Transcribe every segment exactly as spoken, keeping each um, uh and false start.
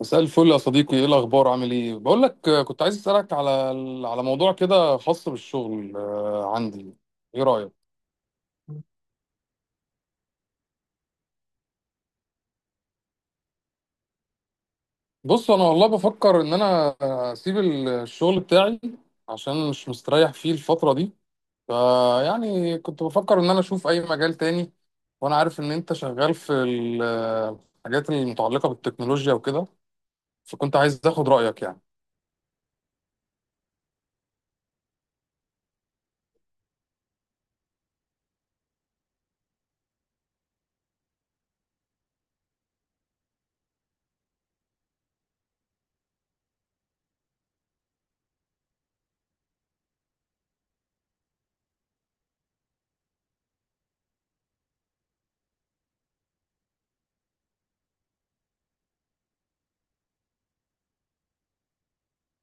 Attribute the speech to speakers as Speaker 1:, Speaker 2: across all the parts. Speaker 1: مساء الفل يا صديقي، ايه الاخبار؟ عامل ايه؟ بقول لك آه، كنت عايز اسالك على على موضوع كده خاص بالشغل. آه، عندي، ايه رايك؟ بص انا والله بفكر ان انا آه، اسيب الشغل بتاعي عشان مش مستريح فيه الفتره دي. فيعني كنت بفكر ان انا اشوف اي مجال تاني، وانا عارف ان انت شغال في ال- آه، الحاجات المتعلقه بالتكنولوجيا وكده، فكنت عايز اخد رايك يعني.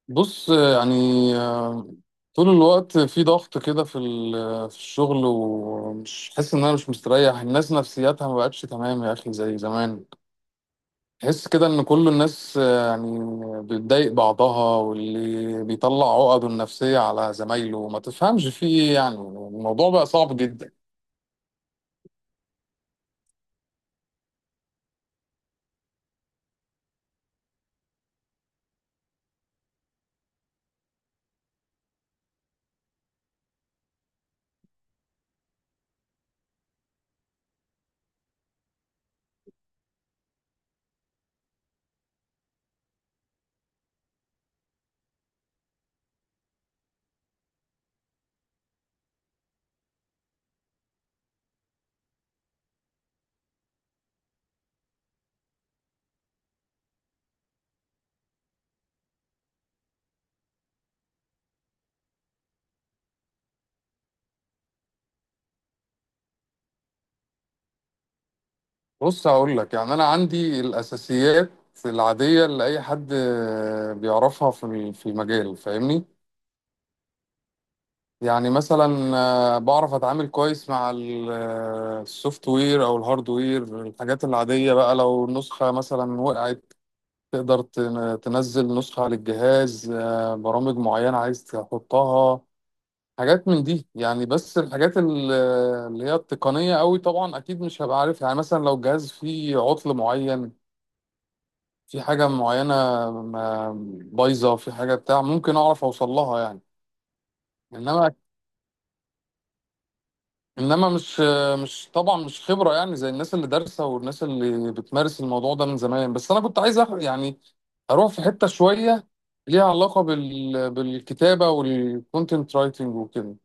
Speaker 1: بص يعني، آه، طول الوقت في ضغط كده في ال- في الشغل، ومش حاسس ان انا مش مستريح. الناس نفسياتها ما بقتش تمام يا اخي زي زمان. تحس كده ان كل الناس آه، يعني بتضايق بعضها، واللي بيطلع عقده النفسية على زمايله، ما تفهمش في ايه. يعني الموضوع بقى صعب جدا. بص هقول لك يعني انا عندي الاساسيات العادية اللي اي حد آه، بيعرفها في في المجال، فاهمني؟ يعني مثلا آه، بعرف اتعامل كويس مع ال- آه، السوفت وير او الهارد وير، الحاجات العادية بقى. لو النسخة مثلا وقعت تقدر تن- تنزل نسخة على الجهاز، آه، برامج معينة عايز تحطها، حاجات من دي يعني. بس الحاجات ال- آه، اللي هي التقنية قوي طبعا اكيد مش هبقى عارفها. يعني مثلا لو الجهاز فيه عطل معين، في حاجة معينة، ما- بايظة في حاجة بتاع، ممكن اعرف اوصل لها يعني. انما انما مش مش طبعا مش خبره يعني زي الناس اللي دارسه والناس اللي بتمارس الموضوع ده من زمان. بس انا كنت عايز أح- يعني اروح في حته شويه ليها علاقه بال... بالكتابه والكونتنت رايتنج وكده.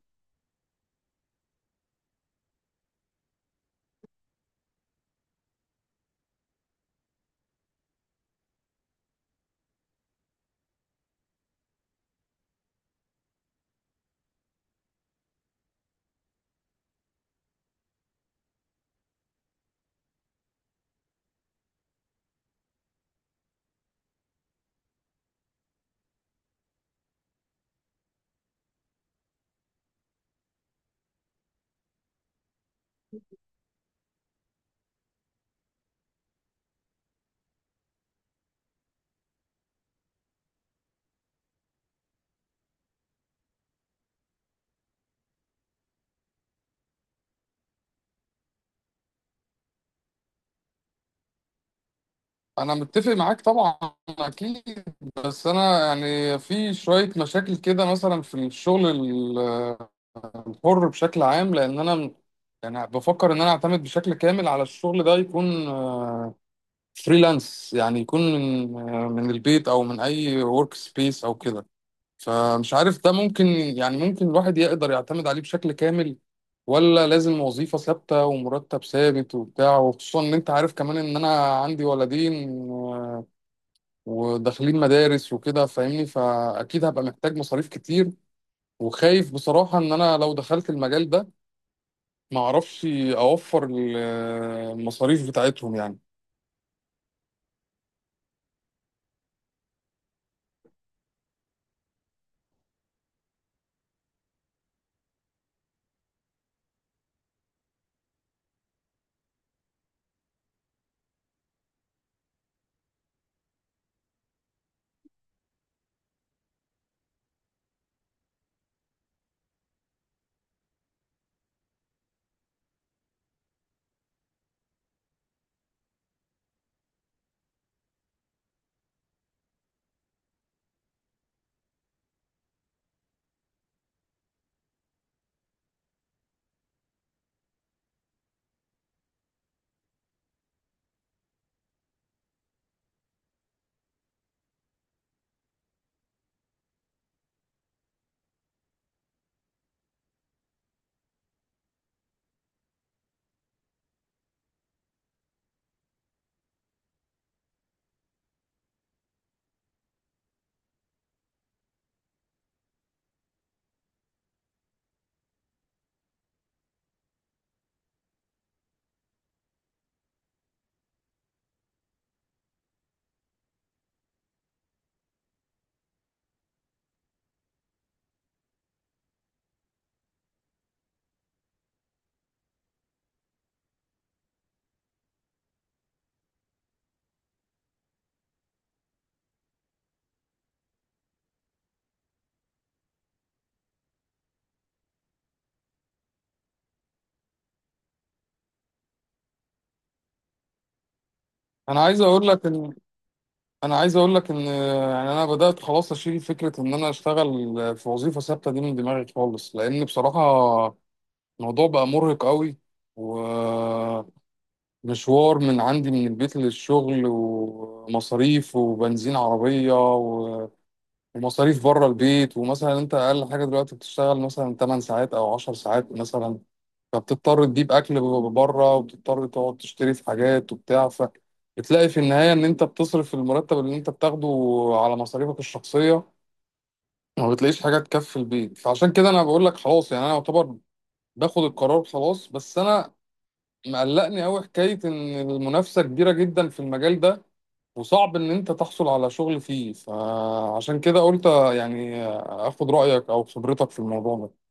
Speaker 1: انا متفق معاك طبعا، اكيد. بس انا يعني في شويه مشاكل كده مثلا في الشغل ال- الحر بشكل عام. لان انا يعني بفكر ان انا اعتمد بشكل كامل على الشغل ده، يكون فريلانس يعني، يكون من من البيت او من اي ورك سبيس او كده. فمش عارف ده ممكن يعني، ممكن الواحد يقدر يعتمد عليه بشكل كامل، ولا لازم وظيفة ثابتة ومرتب ثابت وبتاع؟ وخصوصا ان انت عارف كمان ان انا عندي ولدين و- وداخلين مدارس وكده، فاهمني؟ فاكيد هبقى محتاج مصاريف كتير. وخايف بصراحة ان انا لو دخلت المجال ده ما اعرفش اوفر ال- المصاريف بتاعتهم يعني. انا عايز اقول لك انا عايز اقول لك ان يعني انا بدات خلاص اشيل فكره ان انا اشتغل في وظيفه ثابته دي من دماغي خالص. لان بصراحه الموضوع بقى مرهق قوي، ومشوار من عندي من البيت للشغل، ومصاريف، وبنزين عربيه، ومصاريف بره البيت. ومثلا انت اقل حاجه دلوقتي بتشتغل مثلا تمن ساعات او عشر ساعات مثلا، فبتضطر تجيب اكل بره، وبتضطر تقعد تشتري في حاجات وبتاع، فبتلاقي في النهايه ان انت بتصرف المرتب اللي انت بتاخده على مصاريفك الشخصيه، ما بتلاقيش حاجه تكفي البيت. فعشان كده انا بقول لك خلاص، يعني انا يعتبر باخد القرار خلاص. بس انا مقلقني قوي حكاية إن المنافسة كبيرة جدا في المجال ده، وصعب إن أنت تحصل على شغل فيه. فعشان كده قلت يعني آخد رأيك أو خبرتك في الموضوع ده.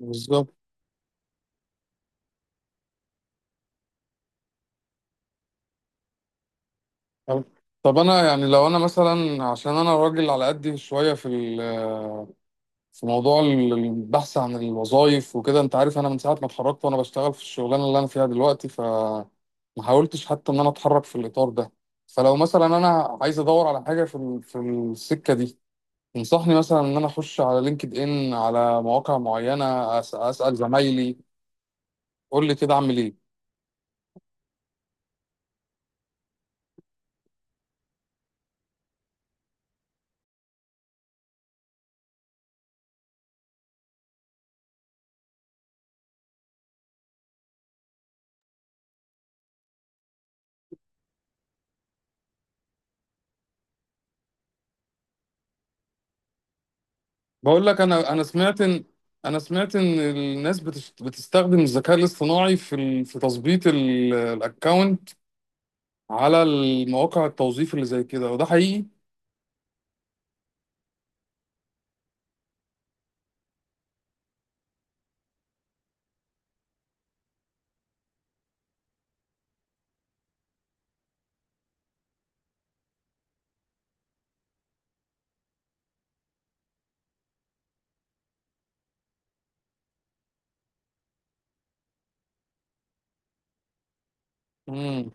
Speaker 1: بالظبط. طب، طب أنا يعني لو أنا مثلا، عشان أنا راجل على قدي شوية في ال- في موضوع ال- البحث عن الوظائف وكده، أنت عارف أنا من ساعة ما اتخرجت وأنا بشتغل في الشغلانة اللي أنا فيها دلوقتي، ف ما حاولتش حتى ان انا اتحرك في الاطار ده. فلو مثلا انا عايز ادور على حاجه في ال- في السكه دي، تنصحني مثلا ان انا اخش على لينكد ان، على مواقع معينه؟ أس- اسال زمايلي؟ قول لي كده اعمل ايه. بقول لك انا انا سمعت ان، انا سمعت ان الناس بتش- بتستخدم الذكاء الاصطناعي في ال... في تظبيط ال- الاكونت على المواقع التوظيف اللي زي كده، وده حقيقي؟ امم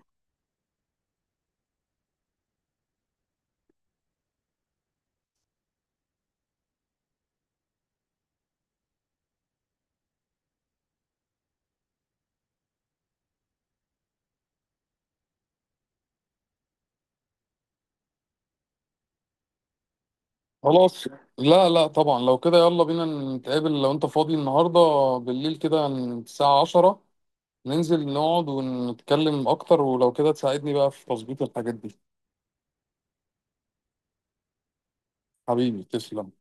Speaker 1: خلاص. لا لا، طبعا لو كده يلا بينا نتقابل لو انت فاضي النهارده بالليل كده الساعه عشرة، ننزل نقعد ونتكلم اكتر، ولو كده تساعدني بقى في تظبيط الحاجات دي. حبيبي تسلم.